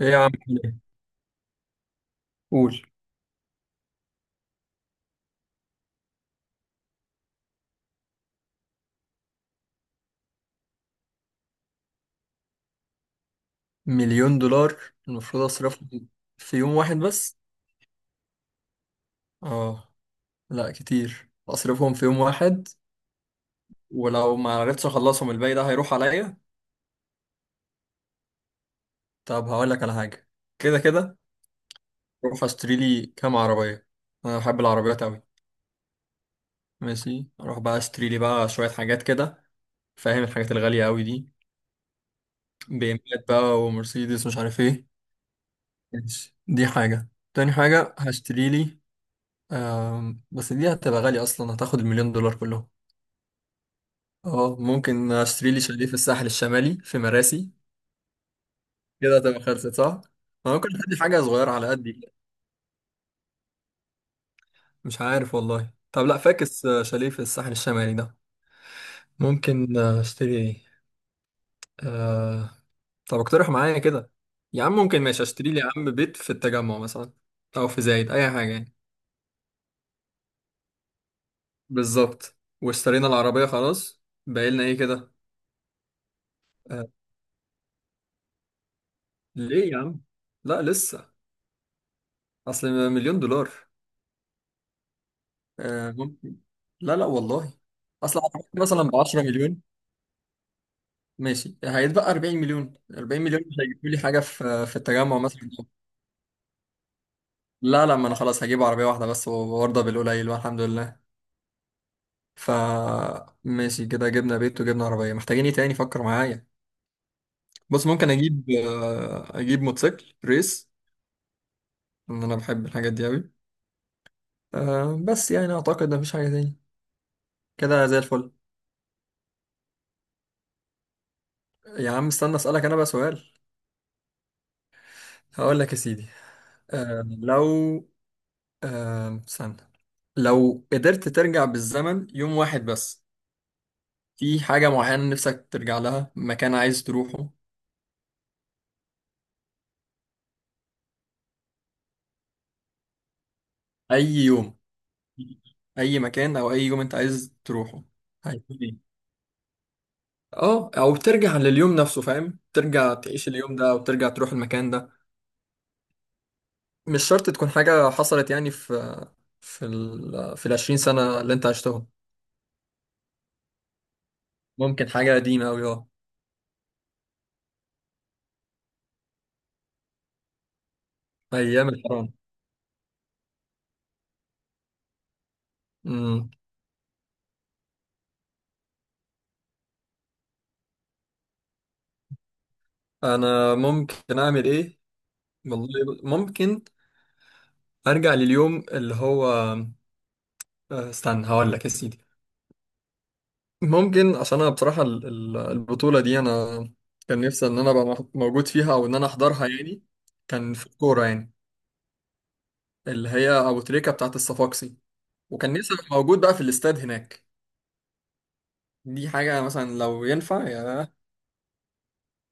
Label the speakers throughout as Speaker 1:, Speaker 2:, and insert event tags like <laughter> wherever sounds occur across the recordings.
Speaker 1: ايه يا عم، في إيه؟ قول. مليون دولار المفروض اصرفهم في يوم واحد بس. اه، لا كتير اصرفهم في يوم واحد. ولو ما عرفتش اخلصهم الباقي ده هيروح عليا. طب هقول لك على حاجه. كده كده اروح اشتري لي كام عربيه، انا بحب العربيات قوي. ماشي اروح بقى اشتري لي بقى شويه حاجات كده، فاهم الحاجات الغاليه قوي دي، بي ام بقى ومرسيدس مش عارف ايه. ماشي دي حاجه، تاني حاجه هشتري لي. بس دي هتبقى غالية أصلا، هتاخد المليون دولار كلهم. اه ممكن اشتري لي شاليه في الساحل الشمالي في مراسي. كده تبقى خلصت، صح؟ ما ممكن ادي حاجة صغيرة على قدي كده. مش عارف والله. طب لا فاكس، شاليه في الساحل الشمالي ده ممكن. اشتري ايه؟ آه... طب اقترح معايا كده. يا عم ممكن ماشي اشتري لي يا عم بيت في التجمع مثلا، او في زايد اي حاجة يعني. بالظبط. واشترينا العربية خلاص، باقي لنا ايه كده؟ آه... ليه يا عم؟ لا لسه. اصل مليون دولار. آه ممكن. لا لا والله. اصل أعتقد مثلا ب 10 مليون، ماشي هيتبقى 40 مليون. 40 مليون مش هيجيبوا لي حاجه في التجمع مثلا؟ لا لا، ما انا خلاص هجيب عربيه واحده بس وارضى بالقليل والحمد لله. ف ماشي كده جبنا بيت وجبنا عربيه، محتاجين ايه تاني؟ فكر معايا. بص ممكن اجيب، اجيب موتوسيكل ريس، ان انا بحب الحاجات دي قوي. أه بس يعني اعتقد مفيش حاجه تاني، كده زي الفل. يا عم استنى اسالك انا بقى سؤال. هقول لك يا سيدي. لو، استنى. لو قدرت ترجع بالزمن يوم واحد بس، في حاجة معينة نفسك ترجع لها؟ مكان عايز تروحه؟ أي يوم، أي مكان أو أي يوم أنت عايز تروحه هيكون إيه؟ اه، او ترجع لليوم نفسه فاهم، ترجع تعيش اليوم ده او ترجع تروح المكان ده. مش شرط تكون حاجة حصلت يعني في في ال في العشرين سنة اللي انت عشتهم. ممكن حاجة قديمة أوي اه. أيام الحرام. امم أنا ممكن أعمل إيه؟ والله ممكن ارجع لليوم اللي هو، استنى هقول لك يا سيدي. ممكن عشان انا بصراحه البطوله دي انا كان نفسي ان انا ابقى موجود فيها او ان انا احضرها يعني. كان في الكوره يعني، اللي هي ابو تريكه بتاعه الصفاقسي، وكان نفسي ابقى موجود بقى في الاستاد هناك. دي حاجه مثلا لو ينفع يا،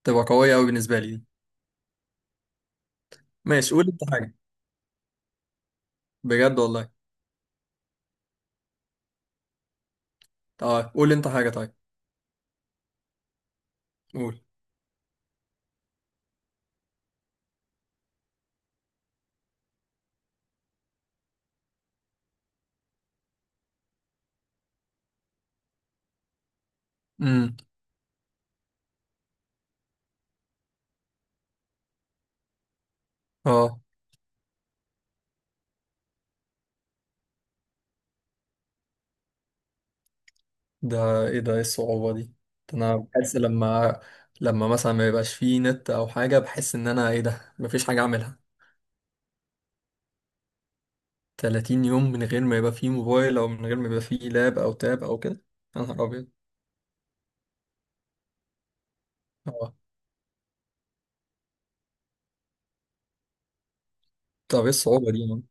Speaker 1: تبقى قويه قوي بالنسبه لي دي. ماشي قول انت حاجه، بجد والله. اه قول انت حاجه طيب. قول. امم اه. ده ايه، ده ايه الصعوبة دي؟ ده انا بحس <laughs> لما، لما مثلا ما يبقاش فيه نت او حاجة بحس ان انا ايه ده، مفيش حاجة اعملها. 30 يوم من غير ما يبقى فيه موبايل او من غير ما يبقى فيه لاب او تاب او كده، يا نهار ابيض. اه. طب ايه الصعوبة دي يا عم؟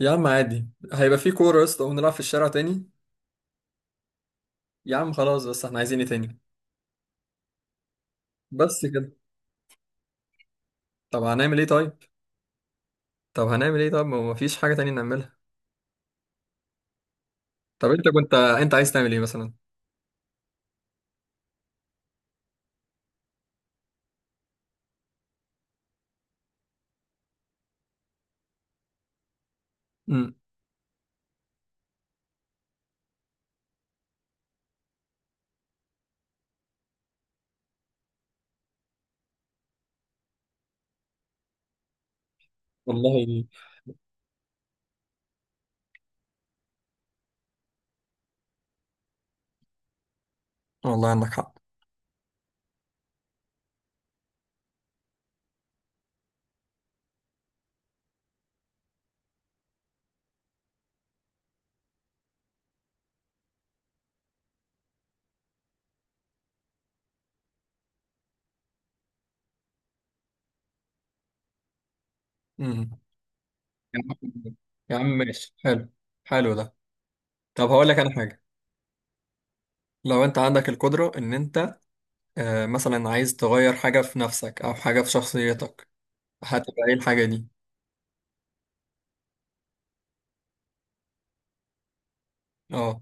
Speaker 1: يا عم عادي، هيبقى فيه كورة يا اسطى ونلعب في الشارع تاني. يا عم خلاص بس احنا عايزين ايه تاني؟ بس كده. طب هنعمل ايه طيب؟ طب هنعمل ايه طيب، ما هو مفيش حاجة تانية نعملها. طب انت كنت انت عايز تعمل ايه مثلا؟ امم والله. والله عندك حق. امم يا عم. يا عم ماشي حلو، حلو ده. طب هقول لك انا حاجه. لو انت عندك القدره ان انت، مثلا عايز تغير حاجه في نفسك او حاجه في شخصيتك، هتبقى ايه الحاجه دي؟ اه.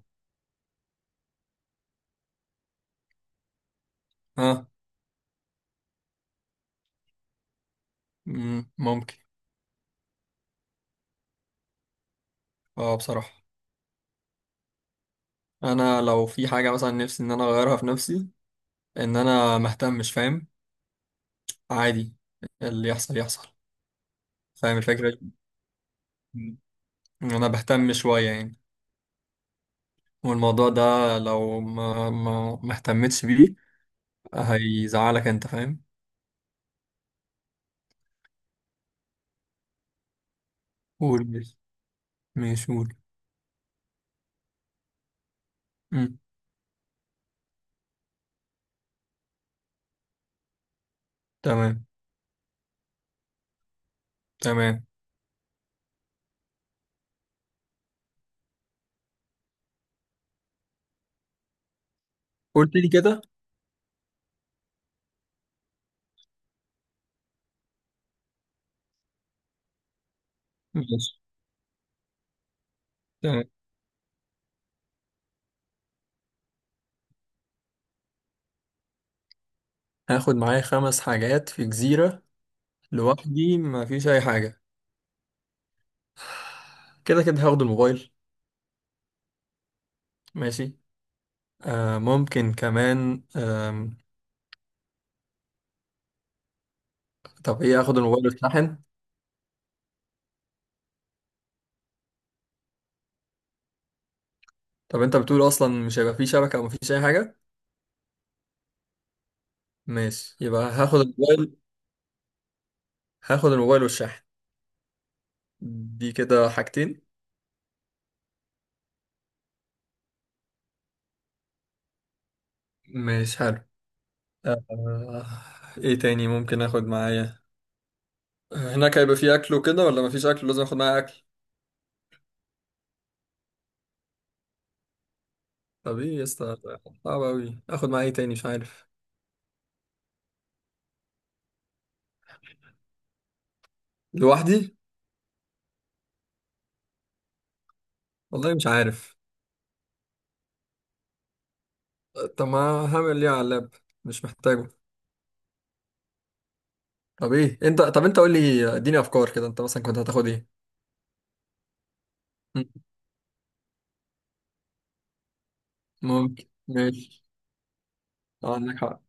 Speaker 1: ها. ممكن. اه بصراحه، انا لو في حاجه مثلا نفسي ان انا اغيرها في نفسي، ان انا مهتمش فاهم. عادي، اللي يحصل يحصل. فاهم الفكره دي. مم. انا بهتم شويه يعني، والموضوع ده لو ما اهتمتش بيه هيزعلك انت فاهم. قول. ماشي قول. مم. تمام. تمام. قلت لي كده. ماشي. تمام. هاخد معايا خمس حاجات في جزيرة لوحدي ما فيش أي حاجة. كده كده هاخد الموبايل. ماشي. آه ممكن كمان، طب ايه، هاخد الموبايل واتشحن. طب انت بتقول اصلا مش هيبقى فيه شبكة او مفيش اي حاجة؟ ماشي يبقى هاخد الموبايل. هاخد الموبايل والشحن، دي كده حاجتين. ماشي حلو. آه. ايه تاني ممكن اخد معايا؟ هناك هيبقى فيه اكل وكده ولا مفيش اكل لازم اخد معايا اكل؟ طب ايه يا اسطى، صعب اوي. اخد معايا ايه تاني مش عارف. لوحدي. والله مش عارف. طب ما هعمل ايه على اللاب، مش محتاجه. طب ايه انت، طب انت قول لي اديني افكار كده، انت مثلا كنت هتاخد ايه؟ مم، ممكن، ماشي. اه عندك حق.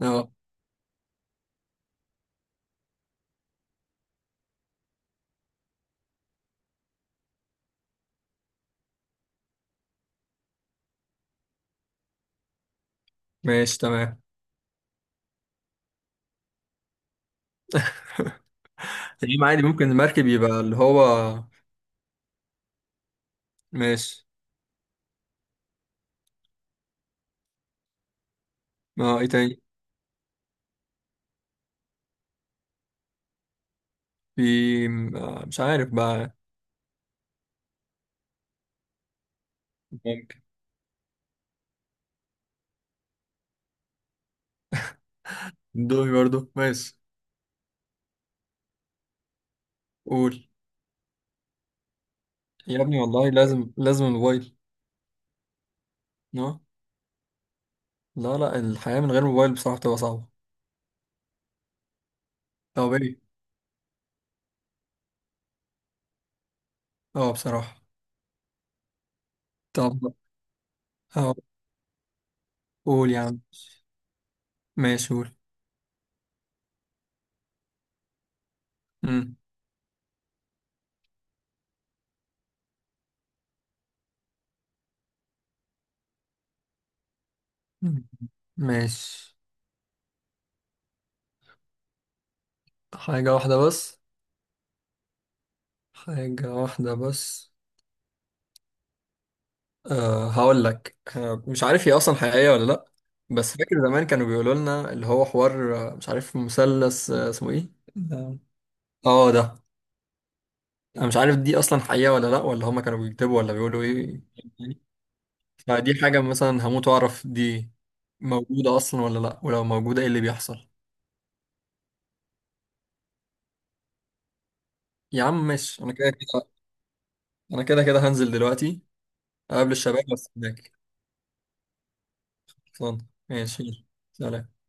Speaker 1: اه. ماشي تمام. تمام عادي، ممكن المركب يبقى اللي هو. ماشي. اه ايه تاني؟ في، مش عارف بقى. ممكن. دومي برضو ماشي. قول. يا ابني والله لازم، الموبايل. اه. لا لا، الحياة من غير موبايل بصراحة بتبقى صعبة. طب ايه. اه بصراحة. طب. اه. قول يا عم. ماشي قول. مم. مم. ماشي. حاجة واحدة بس؟ حاجة واحدة بس، أه هقول لك، أه مش عارف هي أصلا حقيقية ولا لأ، بس فاكر زمان كانوا بيقولوا لنا اللي هو حوار، مش عارف مثلث، اسمه ايه. لا. اه ده. انا مش عارف دي اصلا حقيقة ولا لأ، ولا هما كانوا بيكتبوا ولا بيقولوا ايه. فدي حاجة مثلا هموت وأعرف دي موجودة أصلا ولا لأ، ولو موجودة إيه اللي بيحصل. يا عم ماشي، أنا كده كده، أنا كده كده هنزل دلوقتي أقابل الشباب بس هناك. خلصان. ماشي يلا. سلام.